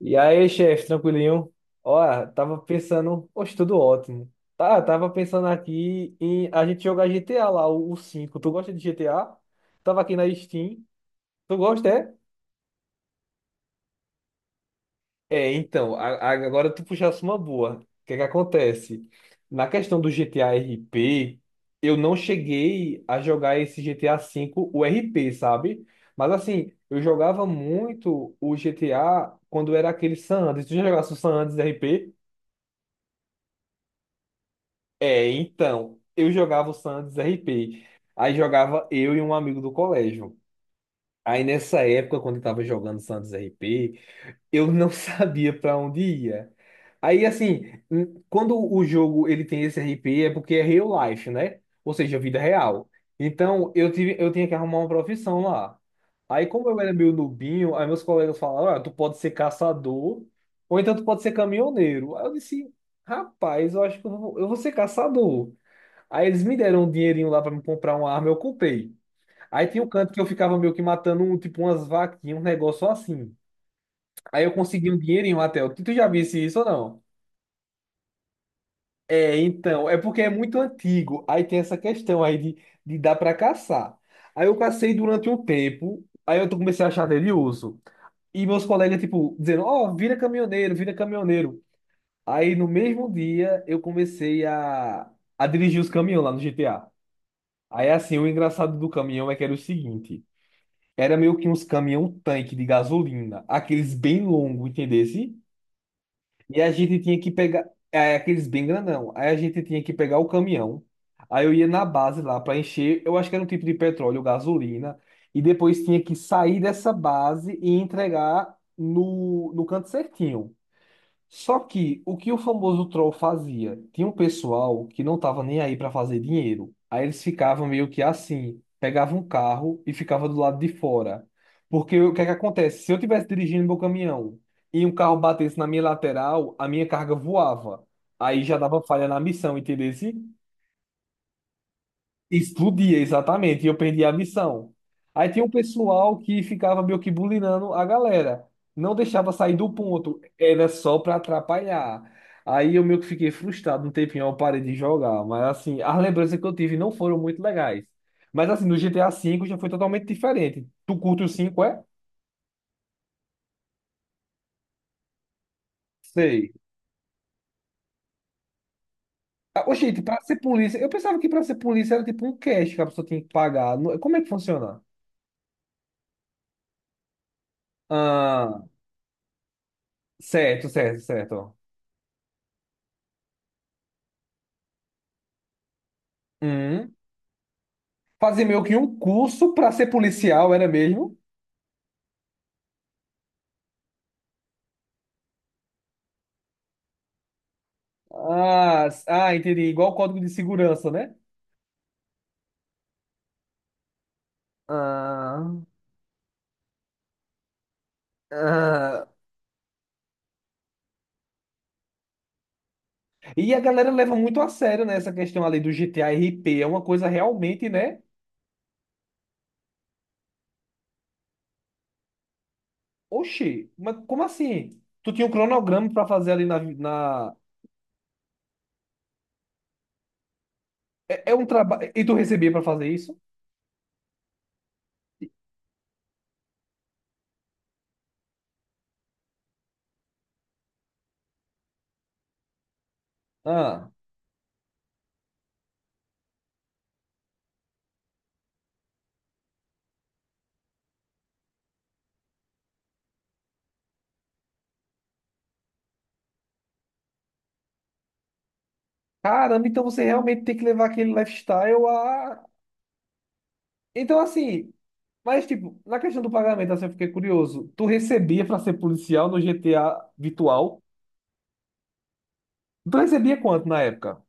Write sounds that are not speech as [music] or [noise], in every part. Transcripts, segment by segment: E aí, chefe, tranquilinho? Ó, tava pensando, poxa, tudo ótimo. Tá, tava pensando aqui em a gente jogar GTA lá, o 5. Tu gosta de GTA? Tava aqui na Steam. Tu gosta, é? É, então, agora tu puxasse uma boa. O que que acontece? Na questão do GTA RP, eu não cheguei a jogar esse GTA V, o RP, sabe? Mas assim, eu jogava muito o GTA quando era aquele San Andreas. Tu já jogasse o San Andreas RP? É, então, eu jogava o Santos RP. Aí jogava eu e um amigo do colégio. Aí nessa época, quando eu tava jogando Santos RP, eu não [laughs] sabia para onde ia. Aí assim, quando o jogo ele tem esse RP é porque é real life, né? Ou seja, vida real. Então, eu tinha que arrumar uma profissão lá. Aí como eu era meio nubinho, aí meus colegas falaram, olha, tu pode ser caçador, ou então tu pode ser caminhoneiro. Aí eu disse, rapaz, eu acho que eu vou ser caçador. Aí eles me deram um dinheirinho lá pra me comprar uma arma, eu comprei. Aí tinha um canto que eu ficava meio que matando, um, tipo, umas vaquinhas, um negócio assim. Aí eu consegui um dinheirinho até. Tu já visse isso ou não? É, então, é porque é muito antigo. Aí tem essa questão aí de, dar pra caçar. Aí eu cacei durante um tempo, aí eu comecei a achar delioso. E meus colegas, tipo, dizendo, ó, vira caminhoneiro, vira caminhoneiro. Aí no mesmo dia eu comecei a dirigir os caminhões lá no GTA. Aí, assim, o engraçado do caminhão é que era o seguinte: era meio que uns caminhão-tanque de gasolina, aqueles bem longos, entendesse? E a gente tinha que pegar, é, aqueles bem grandão. Aí a gente tinha que pegar o caminhão. Aí eu ia na base lá para encher, eu acho que era um tipo de petróleo, gasolina. E depois tinha que sair dessa base e entregar no canto certinho. Só que o famoso troll fazia? Tinha um pessoal que não tava nem aí para fazer dinheiro. Aí eles ficavam meio que assim, pegavam um carro e ficava do lado de fora. Porque o que é que acontece? Se eu tivesse dirigindo meu caminhão e um carro batesse na minha lateral, a minha carga voava. Aí já dava falha na missão, entendeu? Explodia, exatamente, e eu perdi a missão. Aí tinha um pessoal que ficava meio que bulinando a galera. Não deixava sair do ponto, era só pra atrapalhar. Aí eu meio que fiquei frustrado, um tempinho eu parei de jogar. Mas assim, as lembranças que eu tive não foram muito legais. Mas assim, no GTA V já foi totalmente diferente. Tu curte o 5 é? Sei. Ah, ô, gente, pra ser polícia, eu pensava que pra ser polícia era tipo um cash que a pessoa tinha que pagar. Como é que funciona? Ah, certo, certo, certo. Fazer meio que um curso para ser policial, era mesmo? Ah, ah, entendi. Igual o código de segurança, né? Ah, ah. E a galera leva muito a sério, né, essa questão ali do GTA RP. É uma coisa realmente, né? Oxi, mas como assim? Tu tinha um cronograma para fazer ali na... é, um trabalho. E tu recebia para fazer isso? Ah, caramba, então você realmente tem que levar aquele lifestyle a. Então, assim. Mas, tipo, na questão do pagamento, assim, eu fiquei curioso. Tu recebia pra ser policial no GTA virtual? Tu recebia quanto na época?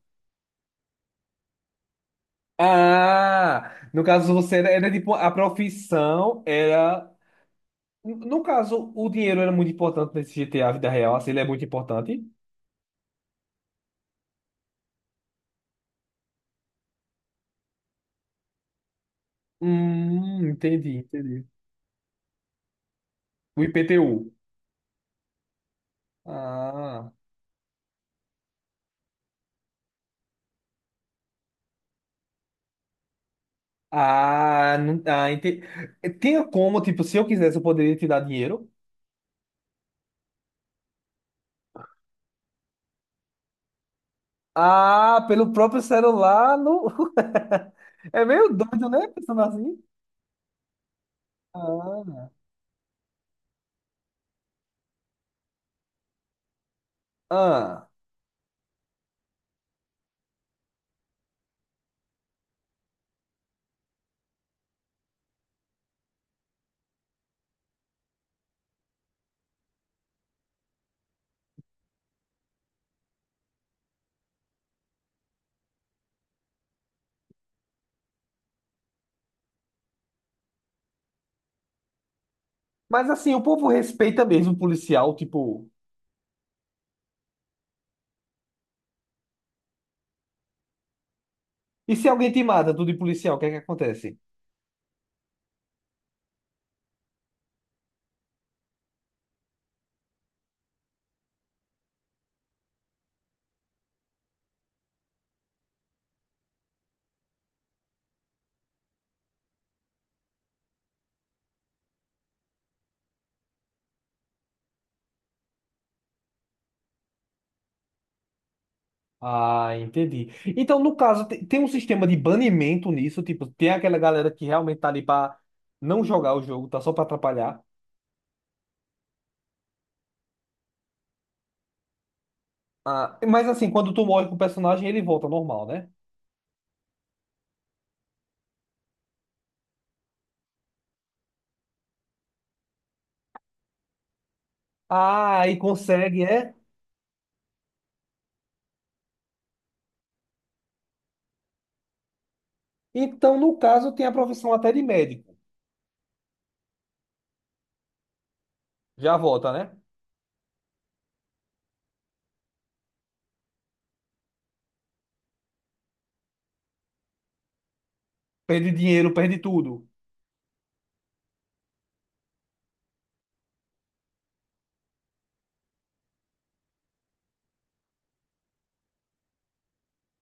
Ah, no caso você era tipo, a profissão era. No caso, o dinheiro era muito importante nesse GTA vida real, assim, ele é muito importante. Entendi, entendi. O IPTU. Ah, ah, não, ah, entendi. Tinha como, tipo, se eu quisesse, eu poderia te dar dinheiro? Ah, pelo próprio celular no... [laughs] É meio doido, né? Pensando assim. Ah, ah. Mas assim, o povo respeita mesmo o policial, tipo. E se alguém te mata, tu de policial, o que é que acontece? Ah, entendi. Então, no caso, tem um sistema de banimento nisso, tipo, tem aquela galera que realmente tá ali pra não jogar o jogo, tá só pra atrapalhar. Ah, mas assim, quando tu morre com o personagem, ele volta ao normal, né? Ah, aí consegue, é? Então, no caso, tem a profissão até de médico. Já volta, né? Perde dinheiro, perde tudo.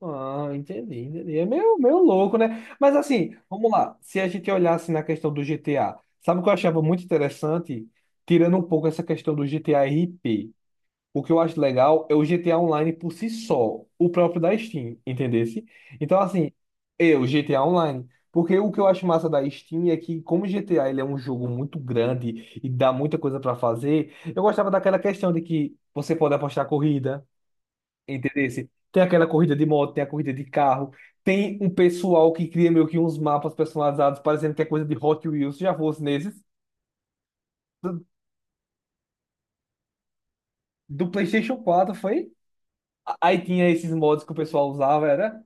Ah, entendi, entendi. É meio, meio louco, né? Mas assim, vamos lá. Se a gente olhasse na questão do GTA, sabe o que eu achava muito interessante? Tirando um pouco essa questão do GTA RP. O que eu acho legal é o GTA Online por si só, o próprio da Steam, entendesse? Então, assim, eu, GTA Online. Porque o que eu acho massa da Steam é que, como o GTA ele é um jogo muito grande e dá muita coisa para fazer, eu gostava daquela questão de que você pode apostar corrida. Entendesse? Tem aquela corrida de moto, tem a corrida de carro, tem um pessoal que cria meio que uns mapas personalizados, parecendo que é coisa de Hot Wheels, já fosse nesses. Do, do PlayStation 4, foi? Aí tinha esses mods que o pessoal usava, era.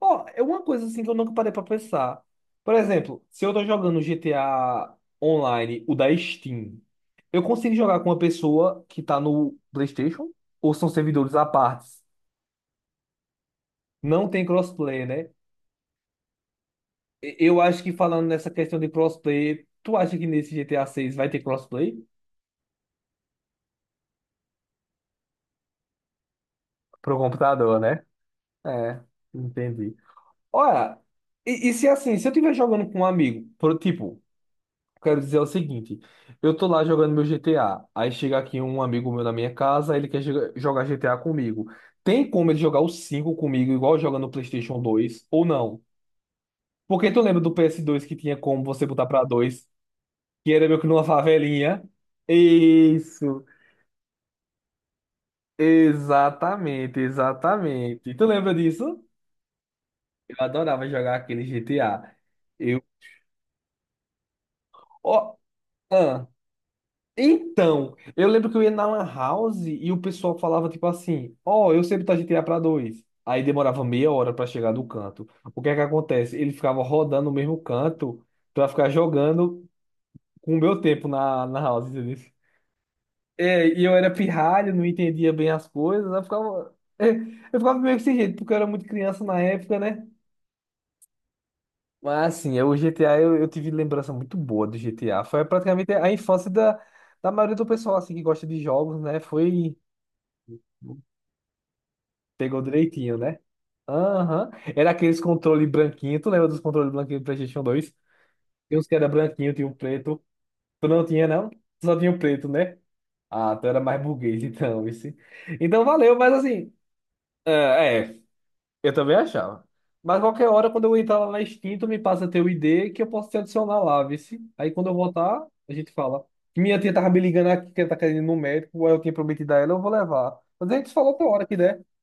Ó, é uma coisa assim que eu nunca parei pra pensar. Por exemplo, se eu tô jogando GTA Online, o da Steam, eu consigo jogar com uma pessoa que tá no PlayStation? Ou são servidores à parte? Não tem crossplay, né? Eu acho que falando nessa questão de crossplay, tu acha que nesse GTA 6 vai ter crossplay? Pro computador, né? É, entendi. Olha, e se assim, se eu estiver jogando com um amigo, por, tipo, quero dizer o seguinte, eu tô lá jogando meu GTA, aí chega aqui um amigo meu na minha casa, ele quer jogar GTA comigo. Tem como ele jogar o 5 comigo, igual joga no PlayStation 2, ou não? Porque tu lembra do PS2 que tinha como você botar pra dois, que era meio que numa favelinha? Isso. Exatamente, exatamente. Tu lembra disso? Eu adorava jogar aquele GTA. Eu. Ó, ah, então, eu lembro que eu ia na Lan House e o pessoal falava tipo assim: ó, eu sei botar GTA pra dois. Aí demorava meia hora pra chegar do canto. O que é que acontece? Ele ficava rodando o mesmo canto pra ficar jogando com o meu tempo na House, entendeu? É, e eu era pirralho, não entendia bem as coisas, eu ficava, [laughs] eu ficava meio que sem jeito, porque eu era muito criança na época, né? Mas assim, o GTA eu tive lembrança muito boa do GTA. Foi praticamente a infância da, maioria do pessoal assim que gosta de jogos, né? Foi pegou direitinho, né? Aham. Era aqueles controle branquinho. Tu lembra dos controles branquinhos do PlayStation 2? Tinha uns que era branquinho, tinha o preto. Tu não tinha, não? Tu só tinha o preto, né? Ah, tu era mais burguês [laughs] então, esse. Então valeu. Mas assim, é, é, Eu também achava. Mas qualquer hora, quando eu entrar lá na Steam, tu me passa teu ID que eu posso te adicionar lá, vice. Aí quando eu voltar, a gente fala. Minha tia tava me ligando aqui, que ela tá querendo ir no médico, aí eu tinha prometido a ela, eu vou levar. Mas a gente fala outra hora que der.